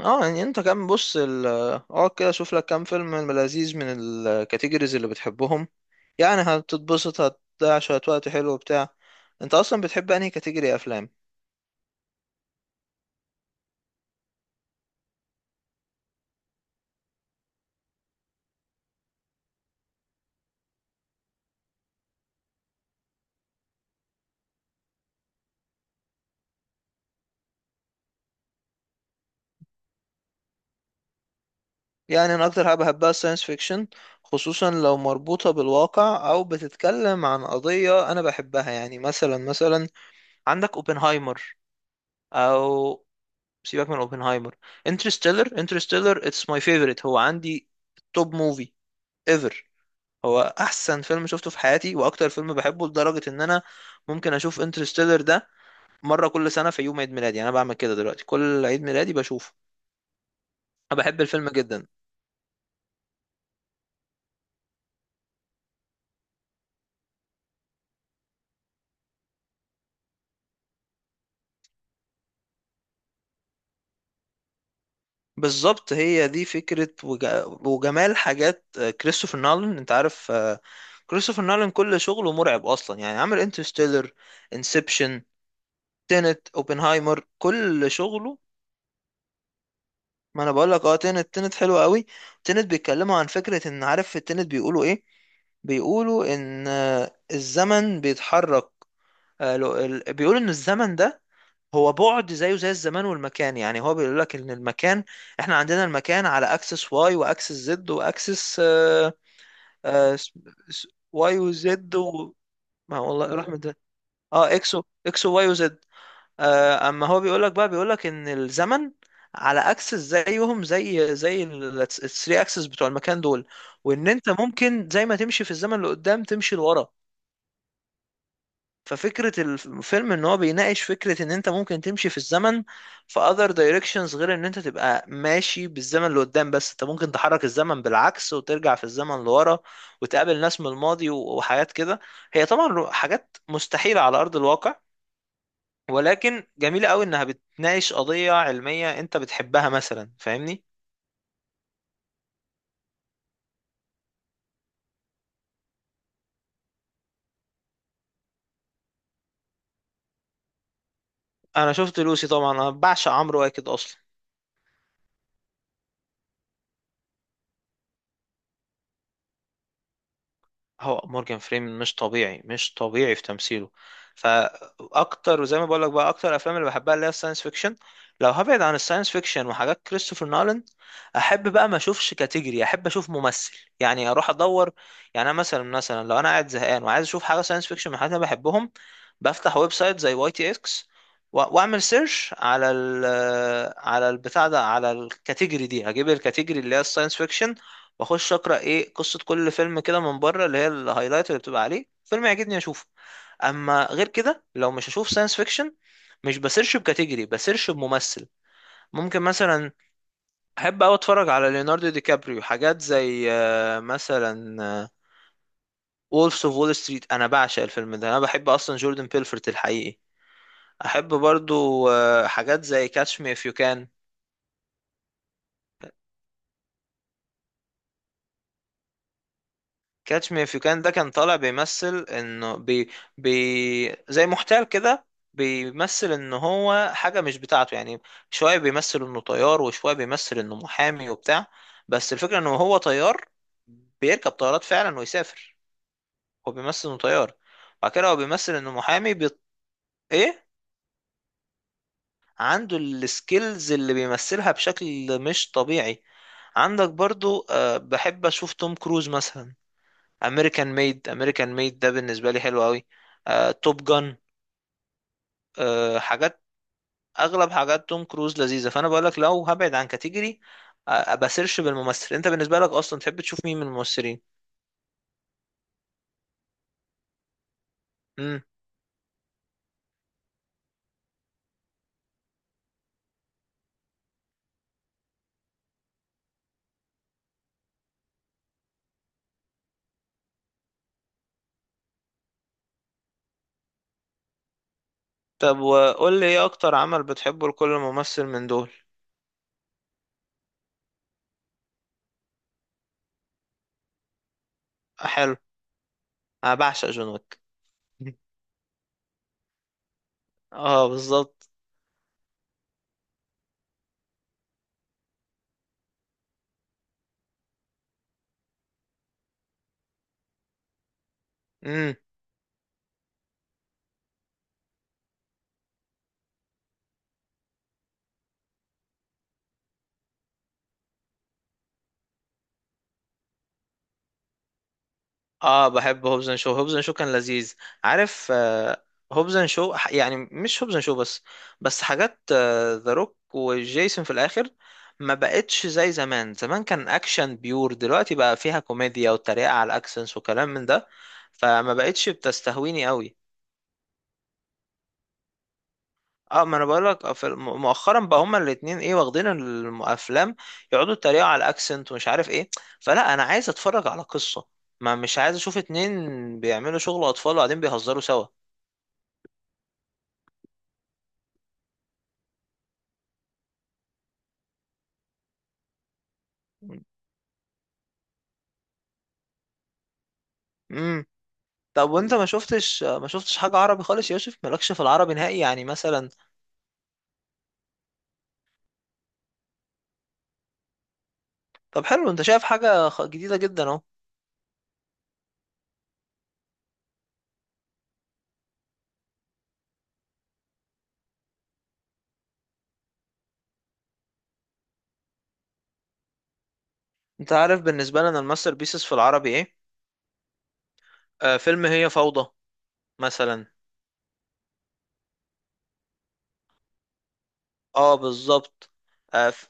اه يعني انت كم بص ال اه كده شوف لك كام فيلم من لذيذ من الكاتيجوريز اللي بتحبهم. يعني هتتبسط، هتضيع شوية وقت حلو وبتاع. انت اصلا بتحب انهي كاتيجوري افلام؟ يعني انا اكتر حاجة بحبها الساينس فيكشن، خصوصا لو مربوطة بالواقع او بتتكلم عن قضية انا بحبها. يعني مثلا عندك اوبنهايمر، او سيبك من اوبنهايمر. انترستيلر اتس ماي فيفورت. هو عندي توب موفي ايفر. هو احسن فيلم شفته في حياتي واكتر فيلم بحبه، لدرجه ان انا ممكن اشوف انترستيلر ده مره كل سنه في يوم عيد ميلادي. يعني انا بعمل كده دلوقتي، كل عيد ميلادي بشوفه. انا بحب الفيلم جدا. بالظبط، هي دي فكره وجمال حاجات كريستوفر نولان، انت عارف. كريستوفر نولان كل شغله مرعب اصلا. يعني عامل انترستيلر، انسبشن، تينت، اوبنهايمر، كل شغله. ما انا بقول لك اه، تنت حلو قوي. تنت بيتكلموا عن فكرة ان، عارف في التنت بيقولوا ايه؟ بيقولوا ان الزمن بيتحرك. بيقولوا ان الزمن ده هو بعد، زيه زي الزمان والمكان. يعني هو بيقول لك ان المكان، احنا عندنا المكان على اكسس واي واكسس زد واكسس واي وزد و... ما والله رحمة ده. اه اكس وواي وزد. اما هو بيقولك بقى، بيقولك ان الزمن على اكسس زيهم زي زي ال 3 اكسس بتوع المكان دول. وان انت ممكن زي ما تمشي في الزمن لقدام، تمشي لورا. ففكرة الفيلم ان هو بيناقش فكرة ان انت ممكن تمشي في الزمن في other directions، غير ان انت تبقى ماشي بالزمن لقدام، بس انت ممكن تحرك الزمن بالعكس وترجع في الزمن لورا وتقابل ناس من الماضي وحاجات كده. هي طبعا حاجات مستحيلة على ارض الواقع، ولكن جميلة قوي انها بتناقش قضية علمية انت بتحبها مثلا، فاهمني؟ انا شفت لوسي طبعا، انا بعشق عمرو واكد اصلا. هو مورجان فريمان مش طبيعي في تمثيله. فاكتر وزي ما بقول لك بقى، اكتر افلام اللي بحبها اللي هي الساينس فيكشن. لو هبعد عن الساينس فيكشن وحاجات كريستوفر نولان، احب بقى ما اشوفش كاتيجوري، احب اشوف ممثل. يعني اروح ادور. يعني انا مثلا، مثلا لو انا قاعد زهقان وعايز اشوف حاجه ساينس فيكشن من حاجات انا بحبهم، بفتح ويب سايت زي واي تي اكس واعمل سيرش على ال... على البتاع ده، على الكاتيجوري دي. هجيب الكاتيجوري اللي هي الساينس فيكشن، واخش اقرا ايه قصه كل فيلم كده من بره، اللي هي الهايلايت اللي بتبقى عليه. فيلم يعجبني اشوفه. اما غير كده، لو مش هشوف ساينس فيكشن، مش بسيرش بكاتيجوري، بسيرش بممثل. ممكن مثلا احب اوي اتفرج على ليوناردو دي كابريو، حاجات زي مثلا وولفز اوف وول ستريت. انا بعشق الفيلم ده، انا بحب اصلا جوردن بيلفورت الحقيقي. احب برضو حاجات زي كاتش مي اف يو كان. كاتش مي اف يو كان ده كان طالع بيمثل انه بي زي محتال كده. بيمثل ان هو حاجة مش بتاعته يعني. شوية بيمثل انه طيار، وشوية بيمثل انه محامي وبتاع. بس الفكرة انه هو طيار، بيركب طيارات فعلا ويسافر. هو بيمثل انه طيار. بعد كده هو بيمثل انه محامي ايه، عنده السكيلز اللي بيمثلها بشكل مش طبيعي. عندك برضو أه، بحب اشوف توم كروز مثلا. امريكان ميد، امريكان ميد ده بالنسبه لي حلو قوي. توب جان. حاجات، اغلب حاجات توم كروز لذيذه. فانا بقول لك لو هبعد عن كاتيجوري، بسيرش بالممثل. انت بالنسبه لك اصلا تحب تشوف مين من الممثلين؟ امم. طب وقول لي ايه اكتر عمل بتحبه لكل ممثل من دول؟ حلو. انا بعشق جون ويك. اه بالظبط. مم. اه بحب هوبز اند شو، هوبز اند شو كان لذيذ، عارف آه. هوبز اند شو ح- يعني مش هوبز اند شو بس، بس حاجات ذا روك وجيسون في الاخر ما بقتش زي زمان. زمان كان اكشن بيور، دلوقتي بقى فيها كوميديا وتريقة على الاكسنس وكلام من ده. فما بقتش بتستهويني قوي. اه، ما انا بقول لك، مؤخرا بقى هما الاتنين، ايه، واخدين الافلام يقعدوا يتريقوا على الاكسنت ومش عارف ايه. فلا، انا عايز اتفرج على قصة، ما مش عايز اشوف اتنين بيعملوا شغل اطفال وقاعدين بيهزروا سوا. امم. طب وانت ما شفتش حاجة عربي خالص يا يوسف؟ مالكش في العربي نهائي يعني مثلا؟ طب حلو، انت شايف حاجة جديدة جدا اهو. انت عارف بالنسبة لنا الماستر بيسز في العربي ايه؟ آه، فيلم هي فوضى مثلا. اه بالظبط. اه ف-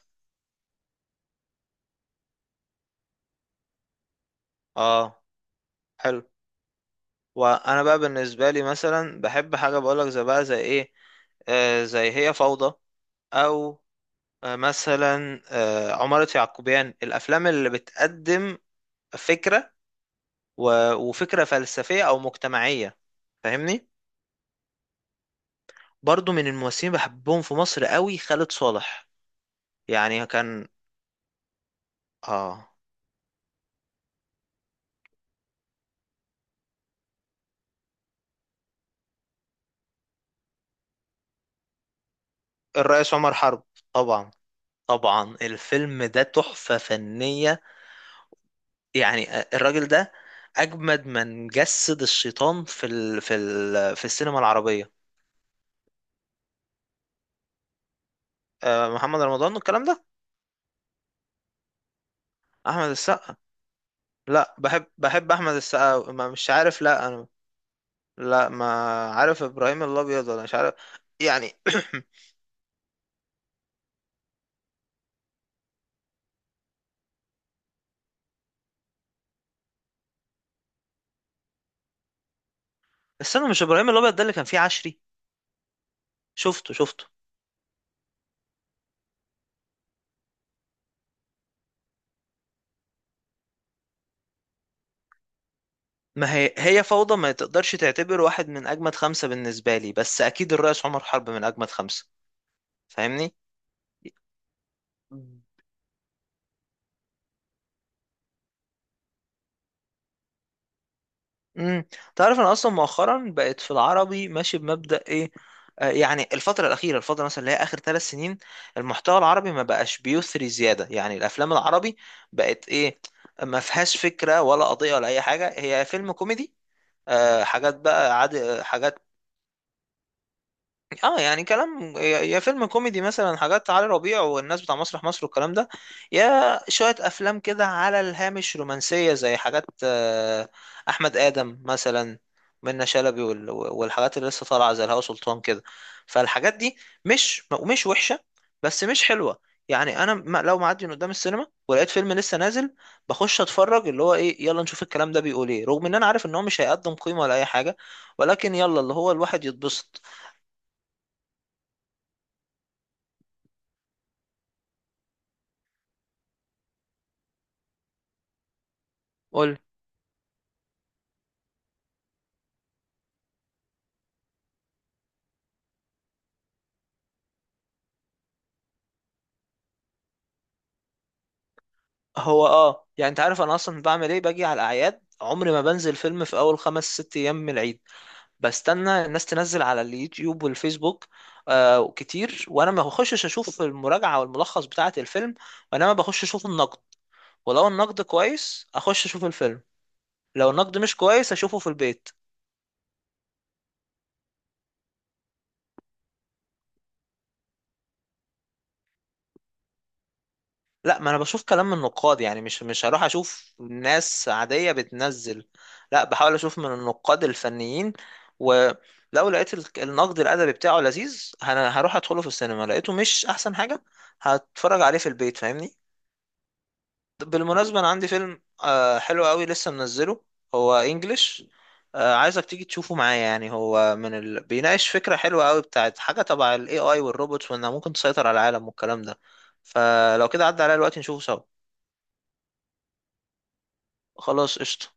آه، حلو. وانا بقى بالنسبه لي مثلا بحب حاجه، بقولك زي بقى، زي ايه، آه زي هي فوضى، او آه مثلا، آه عمارة يعقوبيان، الافلام اللي بتقدم فكره وفكره فلسفيه او مجتمعيه، فاهمني. برضو من الممثلين بحبهم في مصر قوي خالد صالح، يعني كان... اه، الرئيس عمر حرب. طبعا، طبعا الفيلم ده تحفه فنيه. يعني الراجل ده اجمد من جسد الشيطان في السينما العربيه. محمد رمضان والكلام ده. احمد السقا. لا، بحب احمد السقا أوي. ما مش عارف، لا انا. لا، ما عارف ابراهيم الابيض ولا مش عارف يعني. استنى، مش ابراهيم الابيض ده اللي كان فيه عشري؟ شفته، شفته. ما هي، هي فوضى ما تقدرش تعتبر واحد من اجمد خمسة بالنسبه لي، بس اكيد الرئيس عمر حرب من اجمد خمسة. فاهمني. امم. تعرف انا اصلا مؤخرا بقيت في العربي ماشي بمبدأ ايه؟ آه يعني الفترة الأخيرة، الفترة مثلا اللي هي آخر 3 سنين، المحتوى العربي ما بقاش بيثري زيادة. يعني الأفلام العربي بقت إيه، ما فيهاش فكرة ولا قضية ولا أي حاجة. هي فيلم كوميدي، آه، حاجات بقى عادي، حاجات. اه يعني كلام، يا فيلم كوميدي مثلا، حاجات علي ربيع والناس بتاع مسرح مصر والكلام ده، يا شوية افلام كده على الهامش رومانسية، زي حاجات احمد ادم مثلا، منة شلبي والحاجات اللي لسه طالعة زي الهوا سلطان كده. فالحاجات دي مش مش وحشة، بس مش حلوة. يعني انا لو معدي من قدام السينما ولقيت فيلم لسه نازل، بخش اتفرج اللي هو ايه، يلا نشوف الكلام ده بيقول ايه، رغم ان انا عارف ان هو مش هيقدم قيمة ولا اي حاجة، ولكن يلا اللي هو الواحد يتبسط. قول. هو اه، يعني انت عارف انا اصلا بعمل ايه؟ باجي على الاعياد عمري ما بنزل فيلم في اول خمس ست ايام من العيد. بستنى الناس تنزل على اليوتيوب والفيسبوك آه كتير، وانا ما بخشش اشوف المراجعه والملخص بتاعه الفيلم، وانما بخش اشوف النقد. ولو النقد كويس اخش اشوف الفيلم، لو النقد مش كويس اشوفه في البيت. لا، ما انا بشوف كلام من النقاد، يعني مش هروح اشوف ناس عادية بتنزل. لا، بحاول اشوف من النقاد الفنيين. ولو لقيت النقد الادبي بتاعه لذيذ انا هروح ادخله في السينما، لقيته مش احسن حاجة هتفرج عليه في البيت، فاهمني. بالمناسبة انا عندي فيلم حلو قوي لسه منزله. هو انجلش. عايزك تيجي تشوفه معايا. يعني هو من ال... بيناقش فكرة حلوة قوي بتاعت حاجة تبع الاي اي والروبوتس وانها ممكن تسيطر على العالم والكلام ده. فلو كده عدى عليا الوقت نشوفه سوا. خلاص قشطة.